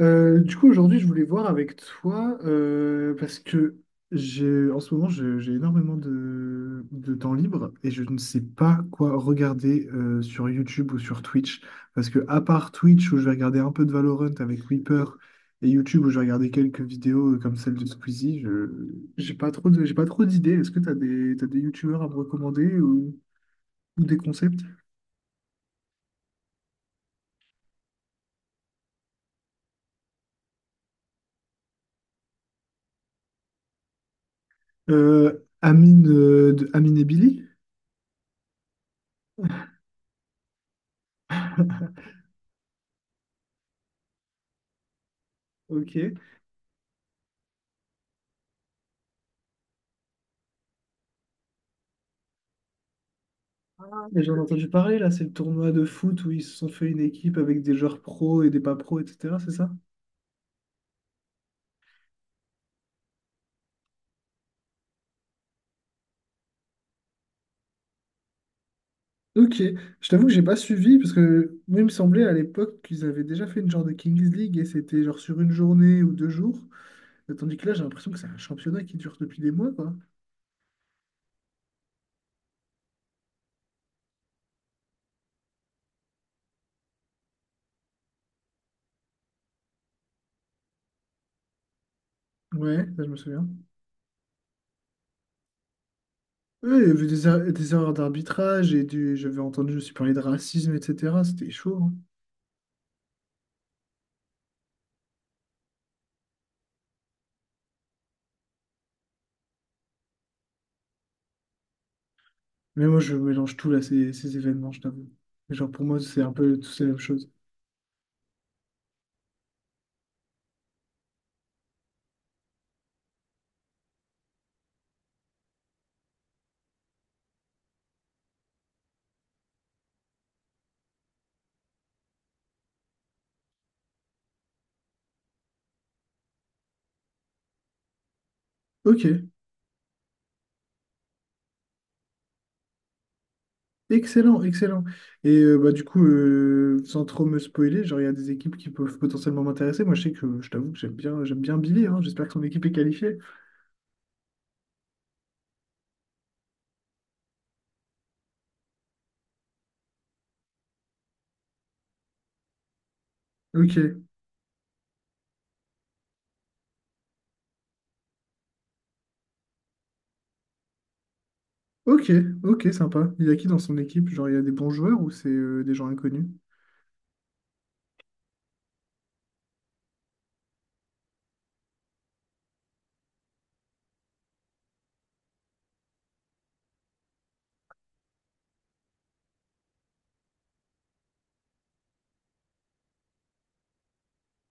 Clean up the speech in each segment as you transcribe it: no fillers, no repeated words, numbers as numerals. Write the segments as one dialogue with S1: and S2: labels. S1: Du coup, aujourd'hui, je voulais voir avec toi parce que j'ai, en ce moment, j'ai énormément de temps libre et je ne sais pas quoi regarder sur YouTube ou sur Twitch. Parce que, à part Twitch, où je vais regarder un peu de Valorant avec Reaper et YouTube, où je vais regarder quelques vidéos comme celle de Squeezie, je j'ai pas trop de, j'ai pas trop d'idées. Est-ce que tu as des, t'as des YouTubeurs à me recommander ou des concepts? Euh, Amine, de Amine et Billy? Ok. Mais j'en ai entendu parler là, c'est le tournoi de foot où ils se sont fait une équipe avec des joueurs pros et des pas pros, etc. C'est ça? Ok, je t'avoue que j'ai pas suivi parce que moi il me semblait à l'époque qu'ils avaient déjà fait une genre de Kings League et c'était genre sur une journée ou deux jours, tandis que là j'ai l'impression que c'est un championnat qui dure depuis des mois quoi. Ouais, ça je me souviens. Oui, il y avait des, des erreurs d'arbitrage et du j'avais entendu aussi parler de racisme, etc. C'était chaud, hein. Mais moi je mélange tout là, ces événements, je t'avoue. Genre pour moi c'est un peu tous la même chose. Ok. Excellent, excellent. Et du coup, sans trop me spoiler, genre, il y a des équipes qui peuvent potentiellement m'intéresser. Moi, je sais que je t'avoue que j'aime bien Billy, hein. J'espère que son équipe est qualifiée. Ok, ok, ok, sympa. Il y a qui dans son équipe? Genre, il y a des bons joueurs ou c'est des gens inconnus?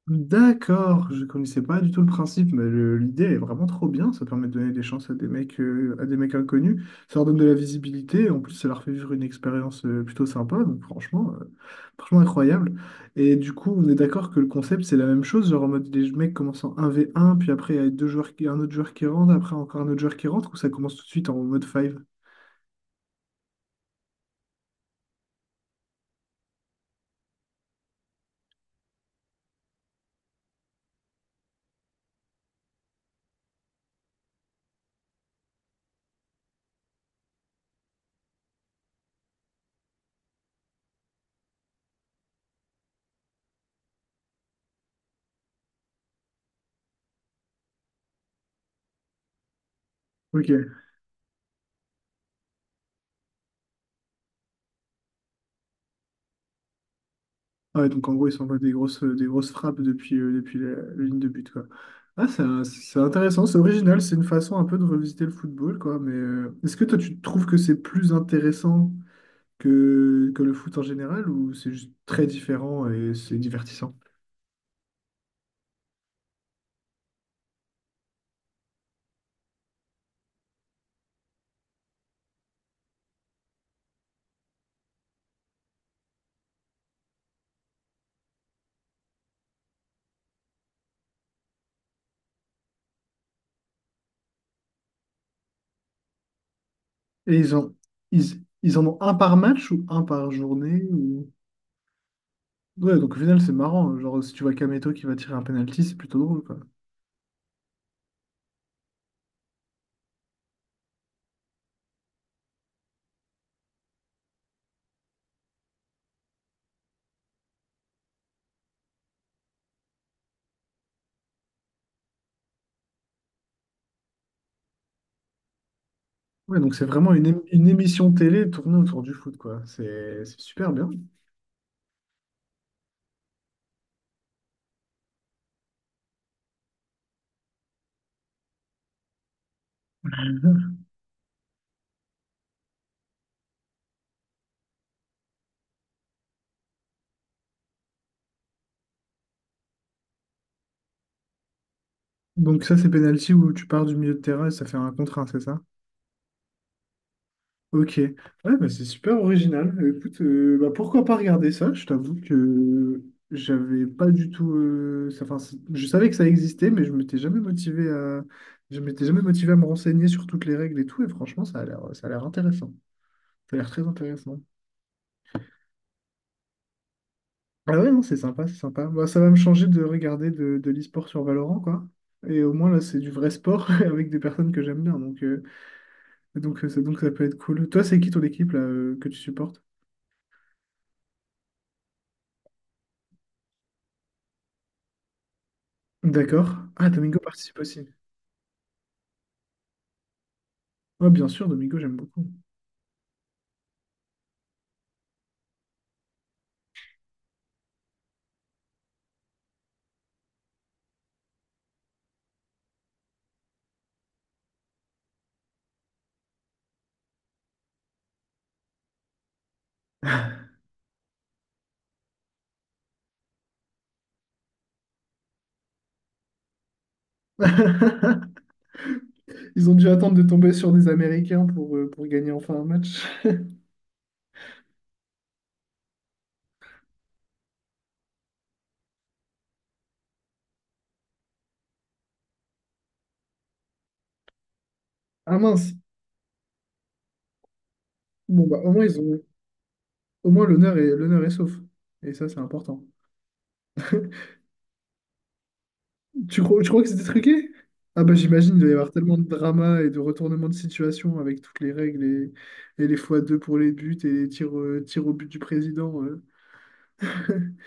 S1: D'accord, je connaissais pas du tout le principe, mais l'idée est vraiment trop bien. Ça permet de donner des chances à des mecs inconnus. Ça leur donne de la visibilité. En plus, ça leur fait vivre une expérience plutôt sympa. Donc, franchement incroyable. Et du coup, on est d'accord que le concept, c'est la même chose. Genre en mode des mecs commencent en 1v1, puis après, il y a un autre joueur qui rentre, après encore un autre joueur qui rentre, ou ça commence tout de suite en mode 5? Ok. Ah ouais, donc en gros, ils s'envoient des grosses frappes depuis la ligne de but, quoi. Ah, c'est intéressant, c'est original, c'est une façon un peu de revisiter le football, quoi. Mais est-ce que toi, tu trouves que c'est plus intéressant que le foot en général ou c'est juste très différent et c'est divertissant? Et ils en ont un par match ou un par journée ou Ouais, donc au final, c'est marrant. Genre, si tu vois Kameto qui va tirer un penalty, c'est plutôt drôle, quoi. Ouais, donc c'est vraiment une émission télé tournée autour du foot, quoi. C'est super bien. Donc ça, c'est penalty où tu pars du milieu de terrain et ça fait un contre un, c'est ça? Ok, ouais, bah, c'est super original. Écoute, pourquoi pas regarder ça? Je t'avoue que j'avais pas du tout enfin, je savais que ça existait, mais je m'étais jamais motivé à me renseigner sur toutes les règles et tout. Et franchement, ça a l'air intéressant. Ça a l'air très intéressant. Ah ouais, non, c'est sympa. Bah, ça va me changer de regarder de l'e-sport sur Valorant, quoi. Et au moins là, c'est du vrai sport avec des personnes que j'aime bien. Donc ça peut être cool. Toi, c'est qui ton équipe là, que tu supportes? D'accord. Ah, Domingo participe aussi. Ouais, bien sûr, Domingo, j'aime beaucoup. Ils ont dû attendre de tomber sur des Américains pour gagner enfin un match. Ah mince. Bon, bah, au moins, ils ont au moins l'honneur est l'honneur est sauf. Et ça, c'est important. Tu crois que c'était truqué? Ah bah j'imagine il doit y avoir tellement de drama et de retournement de situation avec toutes les règles et les fois 2 pour les buts et les tirs, tirs au but du président, euh.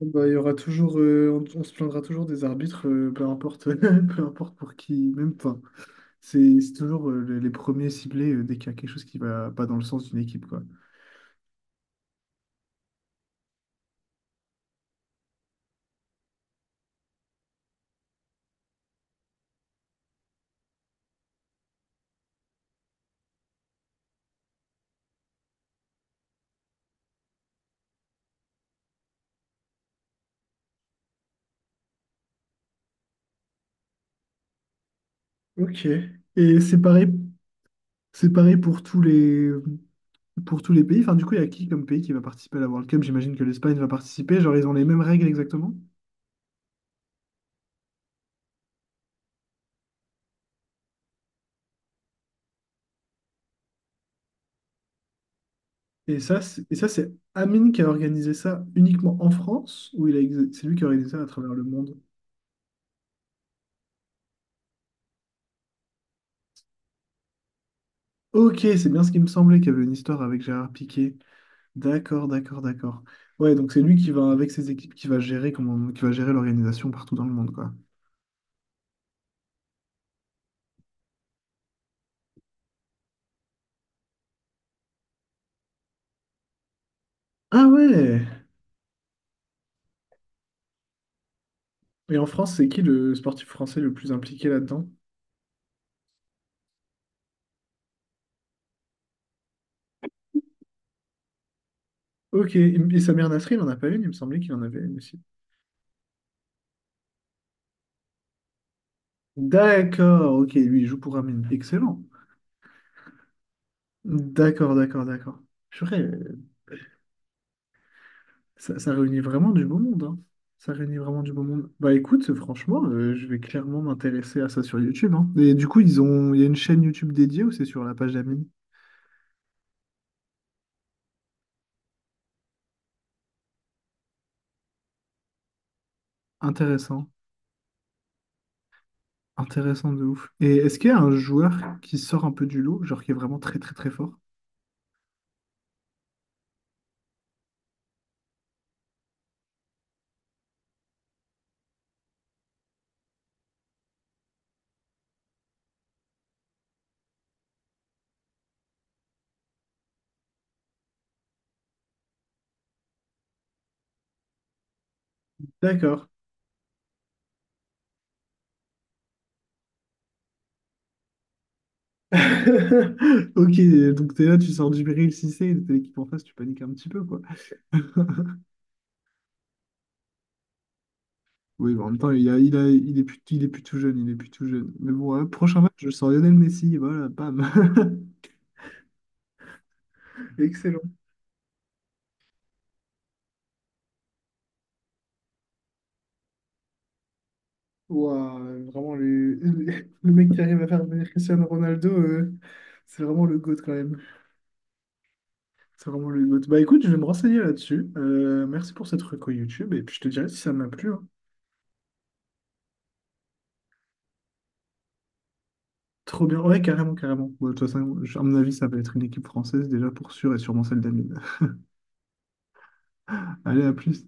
S1: Bah, il y aura toujours, on se plaindra toujours des arbitres, peu importe, peu importe pour qui, même, enfin, c'est toujours les premiers ciblés dès qu'il y a quelque chose qui va pas dans le sens d'une équipe, quoi. Ok. Et c'est pareil pour pour tous les pays. Enfin, du coup, il y a qui comme pays qui va participer à la World Cup? J'imagine que l'Espagne va participer. Genre, ils ont les mêmes règles exactement. Et ça, c'est Amine qui a organisé ça uniquement en France, ou c'est lui qui a organisé ça à travers le monde. Ok, c'est bien ce qui me semblait qu'il y avait une histoire avec Gérard Piqué. D'accord. Ouais, donc c'est lui qui va, avec ses équipes, qui va gérer l'organisation partout dans le monde, quoi. Ah ouais! Et en France, c'est qui le sportif français le plus impliqué là-dedans? Ok, et Samir Nasri, il en a pas une, il me semblait qu'il en avait une aussi. D'accord, ok, lui, il joue pour Amine. Excellent. D'accord. Purée, ça réunit vraiment du beau monde, hein. Ça réunit vraiment du beau monde. Bah écoute, franchement, je vais clairement m'intéresser à ça sur YouTube, hein. Et du coup, ils ont il y a une chaîne YouTube dédiée ou c'est sur la page d'Amine? Intéressant, intéressant de ouf. Et est-ce qu'il y a un joueur qui sort un peu du lot, genre qui est vraiment très très très fort? D'accord. Ok, donc t'es là, tu sors du Bril Cissé, t'es l'équipe en face, tu paniques un petit peu, quoi. Oui, bon, en même temps, il est plus tout jeune, il est plus tout jeune. Mais bon, hein, prochain match, je sors Lionel Messi, et voilà, bam. Excellent. Ouah, vraiment, le mec qui arrive à faire venir Cristiano Ronaldo, c'est vraiment le GOAT quand même. C'est vraiment le GOAT. Bah écoute, je vais me renseigner là-dessus. Merci pour cette reco YouTube, et puis je te dirai si ça m'a plu, hein. Trop bien. Ouais, carrément, carrément. Ouais, de toute façon, à mon avis, ça va être une équipe française déjà pour sûr et sûrement celle d'Amine. Allez, à plus.